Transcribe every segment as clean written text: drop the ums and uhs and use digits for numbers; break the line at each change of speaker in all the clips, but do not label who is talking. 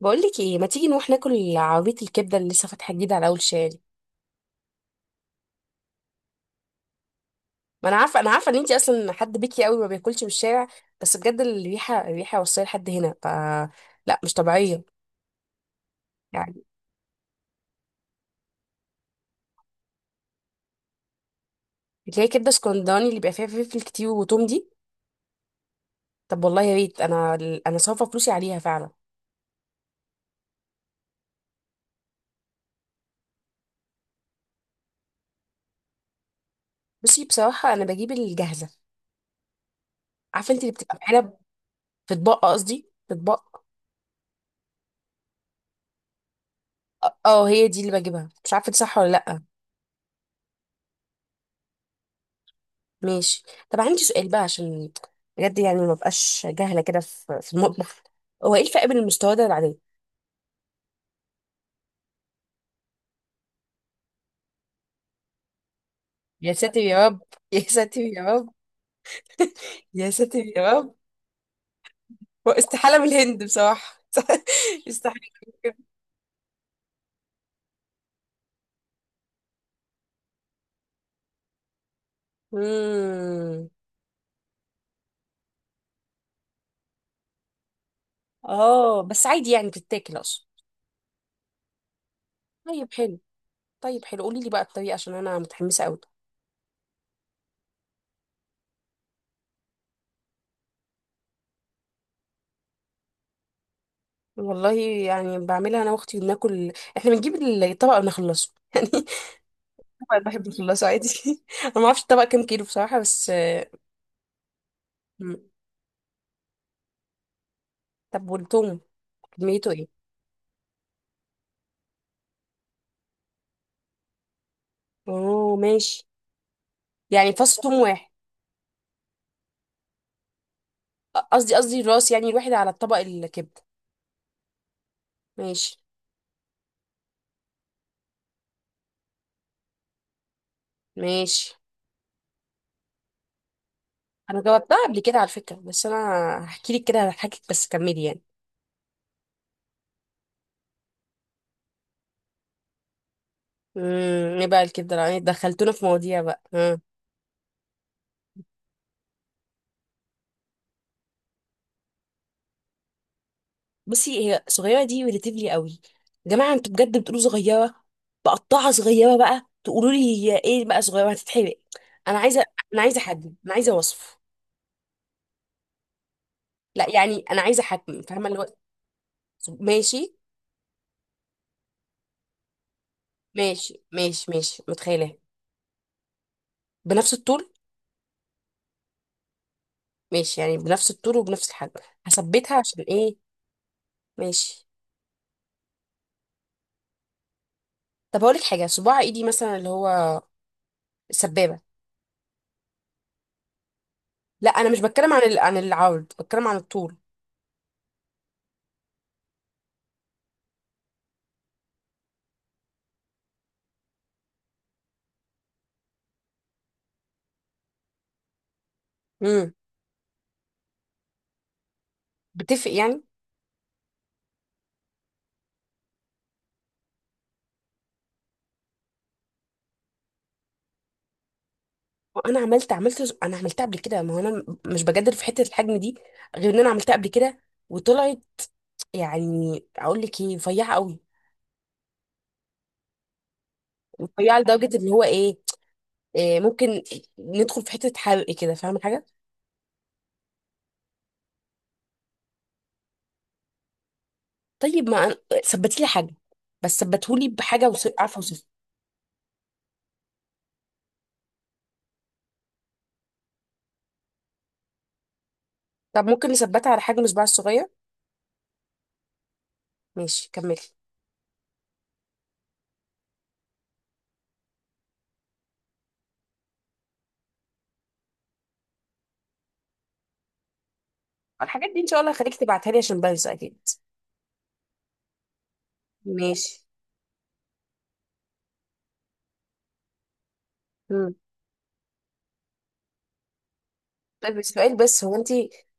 بقولك ايه، ما تيجي نروح ناكل عربيه الكبده اللي لسه فاتحه جديد على اول شارع؟ ما انا عارفه ان انتي اصلا حد بيكي قوي ما بياكلش من الشارع. بس بجد الريحه الريحه وصلت لحد هنا ف. لا، مش طبيعيه. يعني اللي هي كبده اسكندراني اللي بيبقى فيها فلفل كتير وتوم دي. طب والله يا ريت، انا صارفه فلوسي عليها فعلا. بصي بصراحه انا بجيب الجاهزه. عارفه انت اللي بتبقى في علب. في اطباق، قصدي في اطباق. اه، هي دي اللي بجيبها، مش عارفه دي صح ولا لا. ماشي. طب عندي سؤال بقى، عشان بجد يعني ما بقاش جاهله كده في المطبخ. هو ايه الفرق بين المستويات والعاديه؟ يا ساتر يا رب! يا ساتر يا رب! يا ساتر يا رب! هو استحالة من الهند بصراحة استحالة. امم. اه، بس عادي يعني بتتاكل اصلا. طيب حلو، طيب حلو، قولي لي بقى الطريقه عشان انا متحمسه قوي. والله، يعني بعملها انا واختي وبناكل. احنا بنجيب الطبق ونخلصه يعني. أنا بحب الخلاصة عادي. انا ما اعرفش الطبق كام كيلو بصراحه بس. مم. طب والثوم، كميته ايه؟ اوه، ماشي. يعني فص ثوم واحد؟ قصدي راس، يعني الواحد على الطبق الكبده. ماشي ماشي. انا جاوبتها قبل كده على فكره، بس انا هحكي لك كده هضحكك، بس كملي يعني. امم، ايه بقى الكبده؟ يعني دخلتونا في مواضيع بقى، ها. بصي، هي صغيره دي ريليتيفلي قوي. يا جماعه انتوا بجد بتقولوا صغيره. بقطعها صغيره بقى، تقولوا لي. هي ايه بقى صغيره؟ هتتحرق. انا عايزه انا عايزه حجم، انا عايزه وصف. لا، يعني انا عايزه حجم، فاهمه اللي هو. ماشي ماشي ماشي ماشي، متخيلة. بنفس الطول. ماشي، يعني بنفس الطول وبنفس الحجم. هثبتها عشان ايه. ماشي. طب هقولك حاجة، صباع ايدي مثلا اللي هو السبابة. لا، انا مش بتكلم عن العرض، بتكلم عن الطول. امم. بتفرق يعني. انا عملتها قبل كده، ما هو انا مش بجادل في حتة الحجم دي. غير ان انا عملتها قبل كده وطلعت. يعني اقول لك ايه؟ رفيعة قوي. رفيعة لدرجة اللي هو ايه, إيه ممكن ندخل في حتة حرق كده، فاهمة حاجة. طيب ما أنا- ثبتي لي حجم. بس ثبتهولي بحاجه عارفه اوصفها. طب ممكن نثبتها على حجم صباعي الصغير. ماشي، كملي. الحاجات دي ان شاء الله هخليك تبعتها لي عشان بنسى اكيد. ماشي. مم. طيب السؤال، بس هو انت.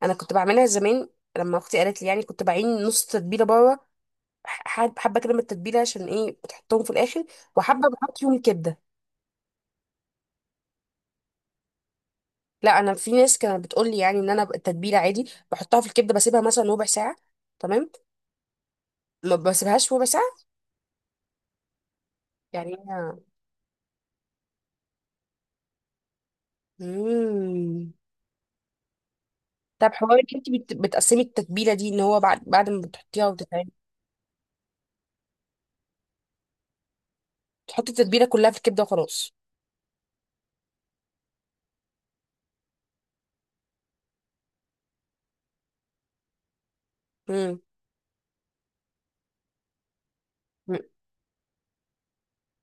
انا كنت بعملها زمان، لما اختي قالت لي، يعني كنت بعين نص تتبيله بره. حبه كده من التتبيله، عشان ايه بتحطهم في الاخر؟ وحبه بحط فيهم كبده. لا، انا في ناس كانت بتقول لي يعني ان انا التتبيله عادي بحطها في الكبده، بسيبها مثلا ربع ساعه. تمام. ما بسيبهاش ربع ساعه. يعني. مم. طب حوار ان انت بتقسمي التتبيله دي، ان هو بعد ما بتحطيها وتتعمل. تحطي التتبيله كلها في الكبده وخلاص. امم،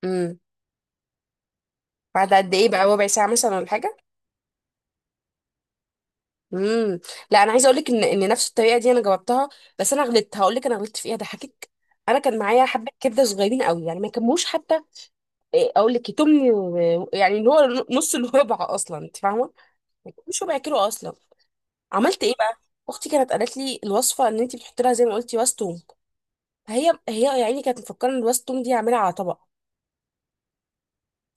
امم. بعد قد ايه بقى؟ ربع ساعه مثلا، ولا حاجه؟ امم. لا، انا عايزه اقول لك ان نفس الطريقه دي انا جربتها. بس انا غلطت، هقول لك انا غلطت في ايه، هضحكك. انا كان معايا حبه كبده صغيرين قوي، يعني ما كموش حتى. إيه، اقول لك تمن يعني اللي هو نص الربع اصلا، انت فاهمه. ما كموش ربع كيلو اصلا. عملت ايه بقى. اختي كانت قالت لي الوصفه، ان انت بتحطي لها زي ما قلتي راس توم. هي هي يعني كانت مفكره ان راس التوم دي هعملها على طبق.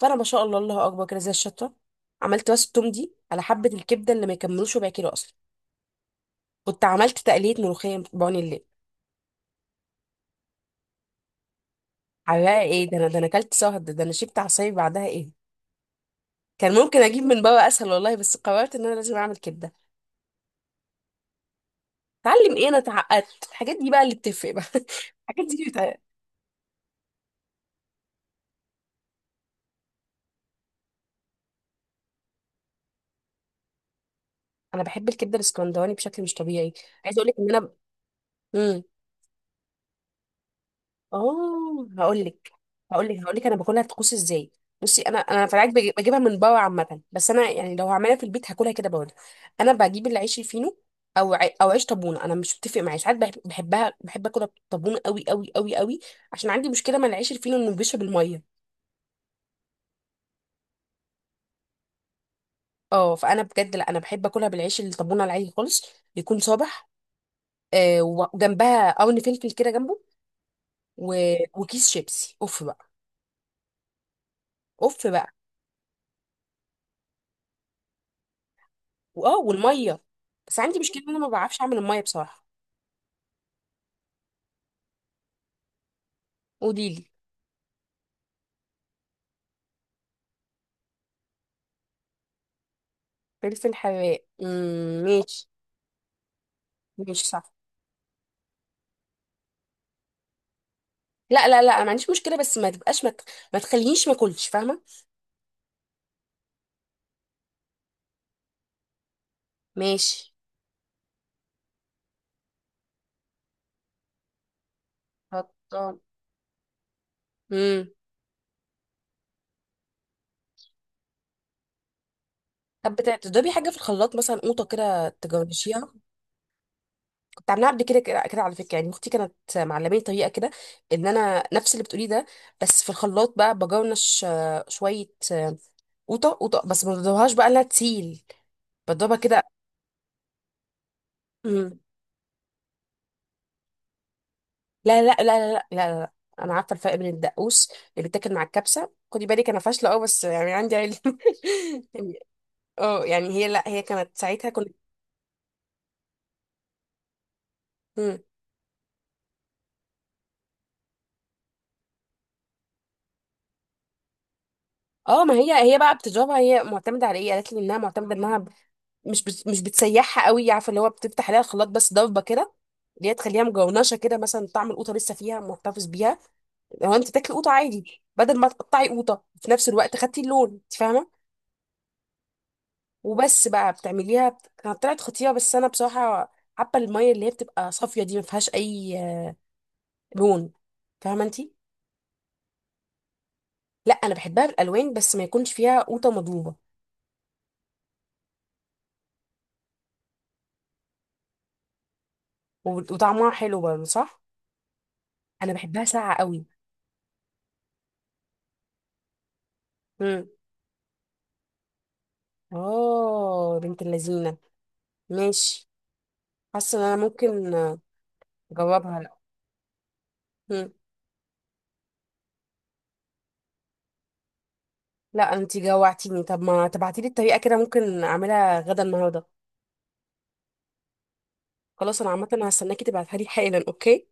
فانا، ما شاء الله، الله اكبر، كده زي الشطه. عملت راس التوم دي على حبه الكبده اللي ما يكملوش ربع كيلو اصلا. كنت عملت تقليه ملوخيه بعون الليل. عليها ايه ده انا اكلت سهد، ده انا شبت عصاير بعدها ايه. كان ممكن اجيب من بره اسهل والله، بس قررت ان انا لازم اعمل كبده. اتعلم ايه؟ انا اتعقدت، الحاجات دي بقى اللي بتفرق بقى. الحاجات دي. انا بحب الكبده الاسكندراني بشكل مش طبيعي. عايزه اقول لك ان انا. اه، هقول لك انا باكلها طقوس ازاي. بصي، انا في العادي بجيبها من بره عامه، بس انا يعني لو هعملها في البيت هاكلها كده برضه. انا بجيب العيش الفينو. او عيش طابونه، انا مش بتفق معايا ساعات بحبها، بحب اكلها طابونه قوي قوي قوي قوي. عشان عندي مشكله مع العيش الفينو، انه بيشرب الميه. اه، فانا بجد لا، انا بحب اكلها بالعيش الطابونه العادي خالص. يكون صابح. آه، وجنبها قرن فلفل كده جنبه. و... وكيس شيبسي، اوف بقى. اوف بقى. واه، والميه. بس عندي مشكله ان انا ما بعرفش اعمل الميه بصراحه. قولي لي. فلفل حراق، امم، ماشي. ماشي صح. لا لا لا، انا ما عنديش مشكله، بس ما تبقاش ما تخلينيش ما اكلش، فاهمه. ماشي. حطام. امم. طب تضربي حاجه في الخلاط مثلا، قوطه كده تجرشيها؟ كنت عاملاها قبل كده كده كده على فكره، يعني اختي كانت معلماني طريقه كده. ان انا نفس اللي بتقوليه ده. بس في الخلاط بقى بجرنش، شويه، قوطه قوطه، بس ما بضربهاش بقى انها تسيل. بضربها كده. لا لا لا لا لا لا لا. انا عارفه الفرق بين الدقوس اللي بتاكل مع الكبسه، خدي بالك انا فاشله، اه بس يعني عندي علم يعني- اه، يعني هي لا هي كانت ساعتها كنت. مم. اه، ما هي هي بقى بتضربها، هي معتمده على ايه؟ قالت لي انها معتمده انها مش بتسيحها قوي، عارفه اللي هو بتفتح عليها الخلاط بس ضربه كده. اللي هي تخليها مجونشه كده، مثلا طعم القوطه لسه فيها محتفظ بيها. لو انت تاكلي قوطه عادي بدل ما تقطعي قوطه، في نفس الوقت خدتي اللون، انت فاهمه. وبس بقى بتعمليها كانت طلعت خطيره، بس انا بصراحه حابه الميه اللي هي بتبقى صافيه دي ما فيهاش اي لون، فاهمه انتي. لا، انا بحبها بالالوان، بس ما يكونش فيها قوطه مضروبه. وطعمها حلو برضه صح. انا بحبها ساقعه قوي. امم. اه، بنت اللذينه. ماشي. حاسه ان انا ممكن اجربها، لا. مم. لا انتي جوعتيني، طب ما تبعتيلي الطريقه كده ممكن اعملها غدا النهارده. خلاص، انا عامه هستناكي تبعتها لي حالا، اوكي.